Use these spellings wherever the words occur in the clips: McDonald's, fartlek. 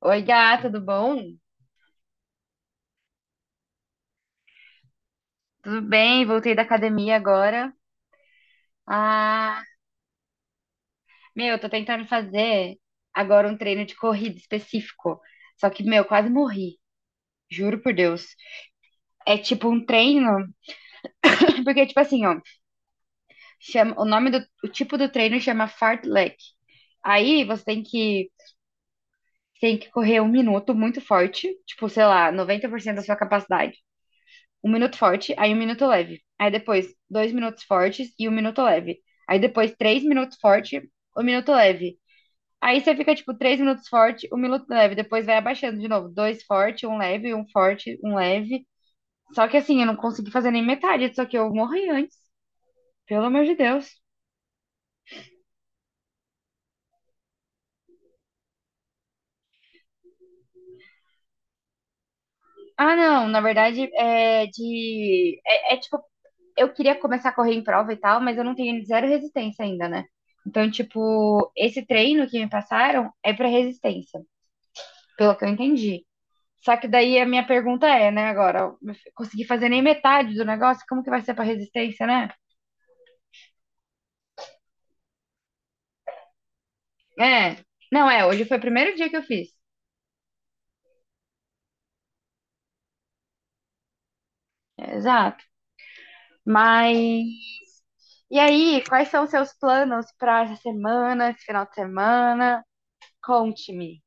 Oi, gata, tudo bom? Tudo bem, voltei da academia agora. Ah, meu, eu tô tentando fazer agora um treino de corrida específico. Só que, meu, quase morri. Juro por Deus. É tipo um treino, porque tipo assim, ó, chama, o nome do o tipo do treino chama fartlek. Aí você tem que correr um minuto muito forte, tipo, sei lá, 90% da sua capacidade. Um minuto forte, aí um minuto leve. Aí depois, dois minutos fortes e um minuto leve. Aí depois, três minutos forte, um minuto leve. Aí você fica, tipo, três minutos forte, um minuto leve. Depois vai abaixando de novo. Dois forte, um leve, um forte, um leve. Só que assim, eu não consegui fazer nem metade, só que eu morri antes. Pelo amor de Deus. Ah, não, na verdade, é tipo, eu queria começar a correr em prova e tal, mas eu não tenho zero resistência ainda, né? Então, tipo, esse treino que me passaram é pra resistência. Pelo que eu entendi. Só que daí a minha pergunta é, né, agora, eu consegui fazer nem metade do negócio, como que vai ser pra resistência, né? É, não é, hoje foi o primeiro dia que eu fiz. É, exato. Mas e aí, quais são os seus planos pra essa semana, esse final de semana? Conte-me.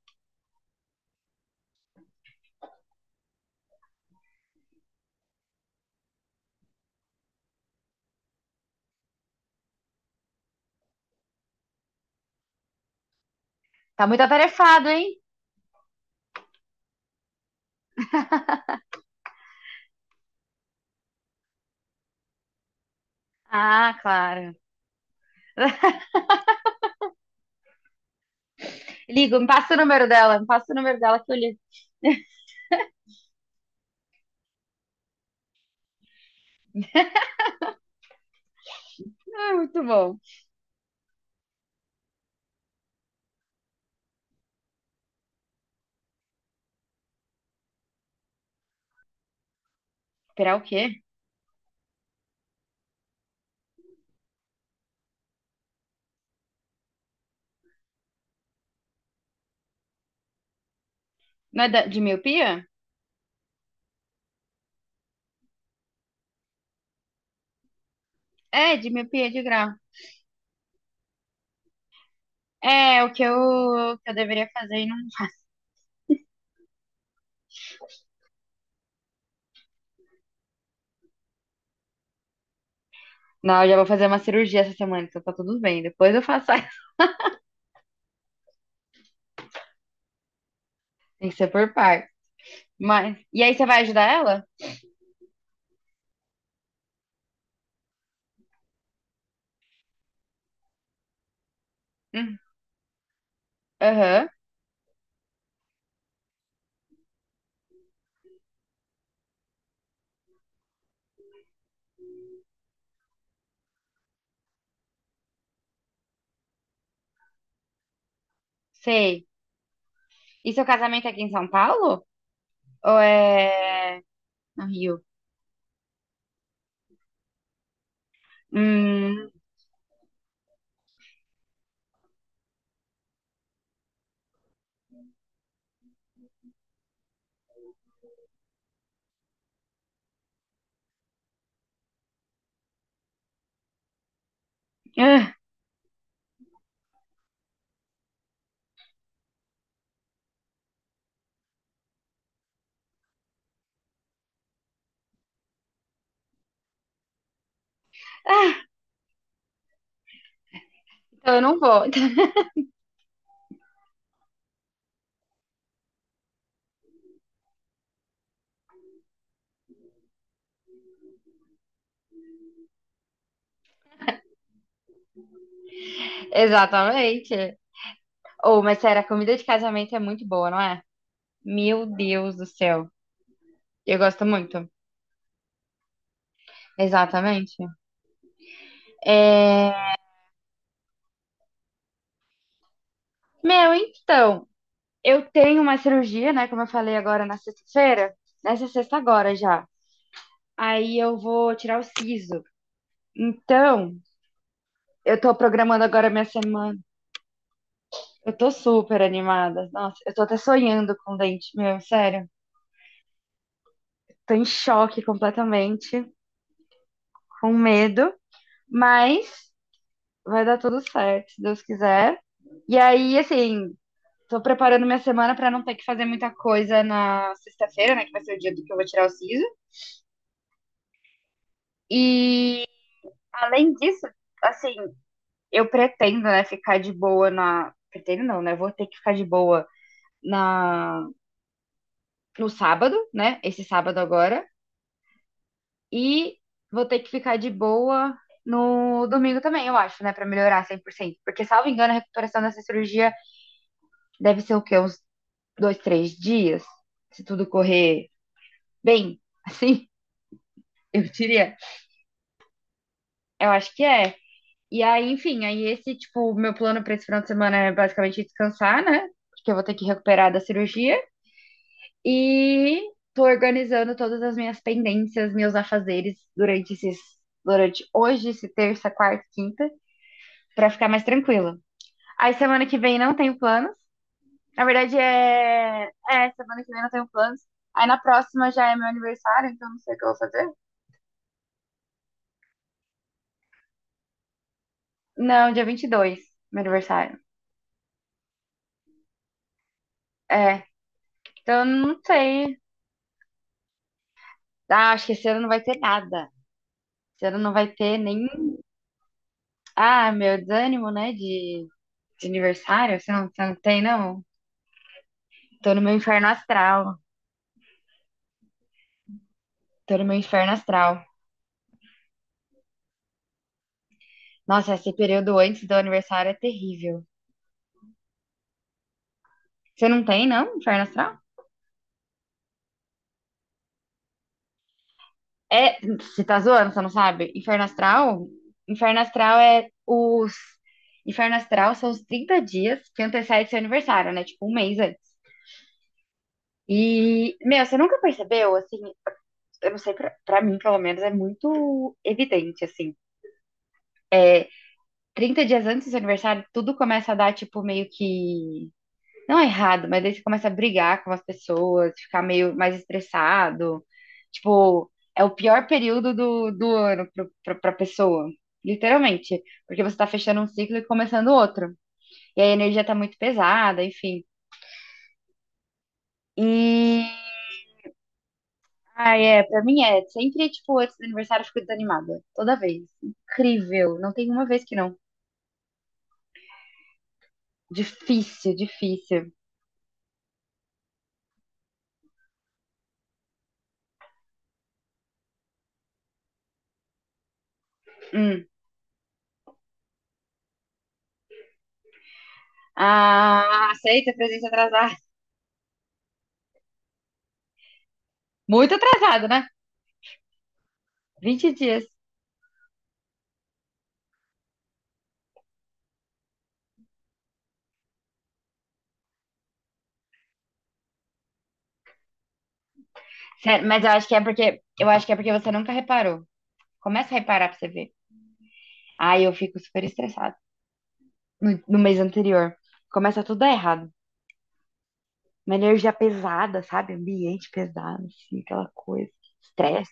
Tá muito atarefado, hein? Ah, claro. Ligo, me passa o número dela, me passa o número dela que eu ligo. Ah, muito bom. Esperar o quê? Não é de miopia? É, de miopia de grau. É, o que eu, o que eu deveria fazer e não. Não, eu já vou fazer uma cirurgia essa semana, então tá tudo bem. Depois eu faço. Tem que ser por par Mas. E aí você vai ajudar ela? Hum, Aham, sei. E seu casamento é aqui em São Paulo? Ou é no Rio? Hum. ah, ah, então eu não vou. Exatamente. Ou, mas sério, a comida de casamento é muito boa, não é? Meu Deus do céu. Eu gosto muito. Exatamente. É, meu, então. Eu tenho uma cirurgia, né? Como eu falei agora na sexta-feira. Nessa sexta agora já. Aí eu vou tirar o siso. Então, eu tô programando agora a minha semana. Eu tô super animada. Nossa, eu tô até sonhando com o dente meu, sério. Tô em choque completamente, com medo, mas vai dar tudo certo, se Deus quiser. E aí, assim, tô preparando minha semana pra não ter que fazer muita coisa na sexta-feira, né? Que vai ser o dia do que eu vou tirar o siso. E além disso, assim, eu pretendo, né, ficar de boa na. Pretendo não, né? Vou ter que ficar de boa na no sábado, né? Esse sábado agora. E vou ter que ficar de boa no domingo também, eu acho, né? Pra melhorar 100%, porque, salvo engano, a recuperação dessa cirurgia deve ser o quê? Uns dois, três dias? Se tudo correr bem, assim, eu diria. Eu acho que é. E aí, enfim, aí esse, tipo, o meu plano para esse final de semana é basicamente descansar, né? Porque eu vou ter que recuperar da cirurgia. E tô organizando todas as minhas pendências, meus afazeres durante hoje, esse terça, quarta, quinta, para ficar mais tranquila. Aí semana que vem não tenho planos. Na verdade é, é, semana que vem não tenho planos. Aí na próxima já é meu aniversário, então não sei o que eu vou fazer. Não, dia 22 meu aniversário. É, então não sei. Ah, acho que esse ano não vai ter nada. Você não vai ter nem. Ah, meu desânimo, né? De aniversário. Você não tem, não? Tô no meu inferno astral. Tô no meu inferno astral. Nossa, esse período antes do aniversário é terrível. Você não tem, não? Inferno astral? É. Você tá zoando, você não sabe? Inferno astral? Inferno astral é os. Inferno astral são os 30 dias que antecede seu aniversário, né? Tipo, um mês antes. E, meu, você nunca percebeu, assim, eu não sei, pra mim, pelo menos, é muito evidente, assim. É 30 dias antes do seu aniversário, tudo começa a dar, tipo, meio que. Não é errado, mas daí você começa a brigar com as pessoas, ficar meio mais estressado. Tipo, é o pior período do ano pra pessoa. Literalmente. Porque você tá fechando um ciclo e começando outro. E aí a energia tá muito pesada, enfim. E. Ai, é, pra mim é. Sempre, tipo, antes do aniversário eu fico desanimada. Toda vez. Incrível. Não tem uma vez que não. Difícil, difícil. Hum. Ah, aceita presente atrasado. Muito atrasado, né? 20 dias. Sério, mas eu acho que é porque eu acho que é porque você nunca reparou. Começa a reparar pra você ver. Aí eu fico super estressada no mês anterior. Começa tudo a dar errado. Uma energia pesada, sabe? Ambiente pesado, assim, aquela coisa. Estresse.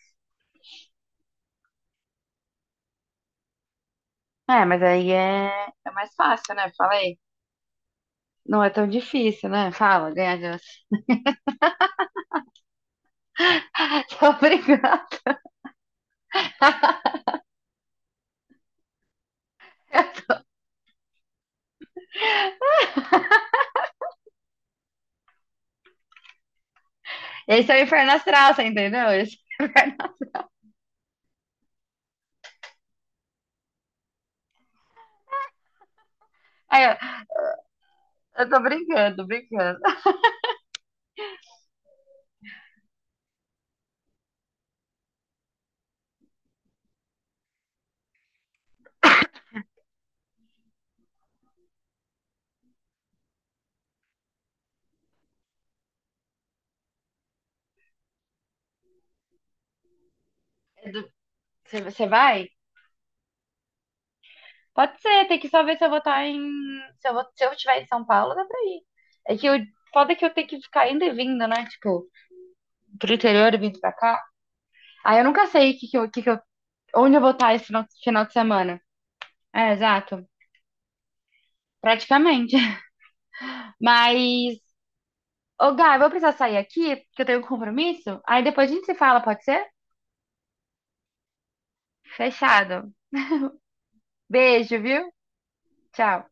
É, mas aí é mais fácil, né? Fala aí. Não é tão difícil, né? Fala, ganha de você. Tô brincando. Esse é o inferno astral, você entendeu? Esse é o inferno. Aí, ó, eu tô brincando, brincando. É do- você vai? Pode ser, tem que só ver se eu vou estar em. Se eu estiver em São Paulo, dá pra ir. É que eu... foda é que eu tenho que ficar indo e vindo, né? Tipo, pro interior e vindo pra cá. Aí eu nunca sei onde eu vou estar esse final de semana. É, exato. Praticamente. Mas. Ô, Gá, eu vou precisar sair aqui, porque eu tenho um compromisso. Aí depois a gente se fala, pode ser? Fechado. Beijo, viu? Tchau.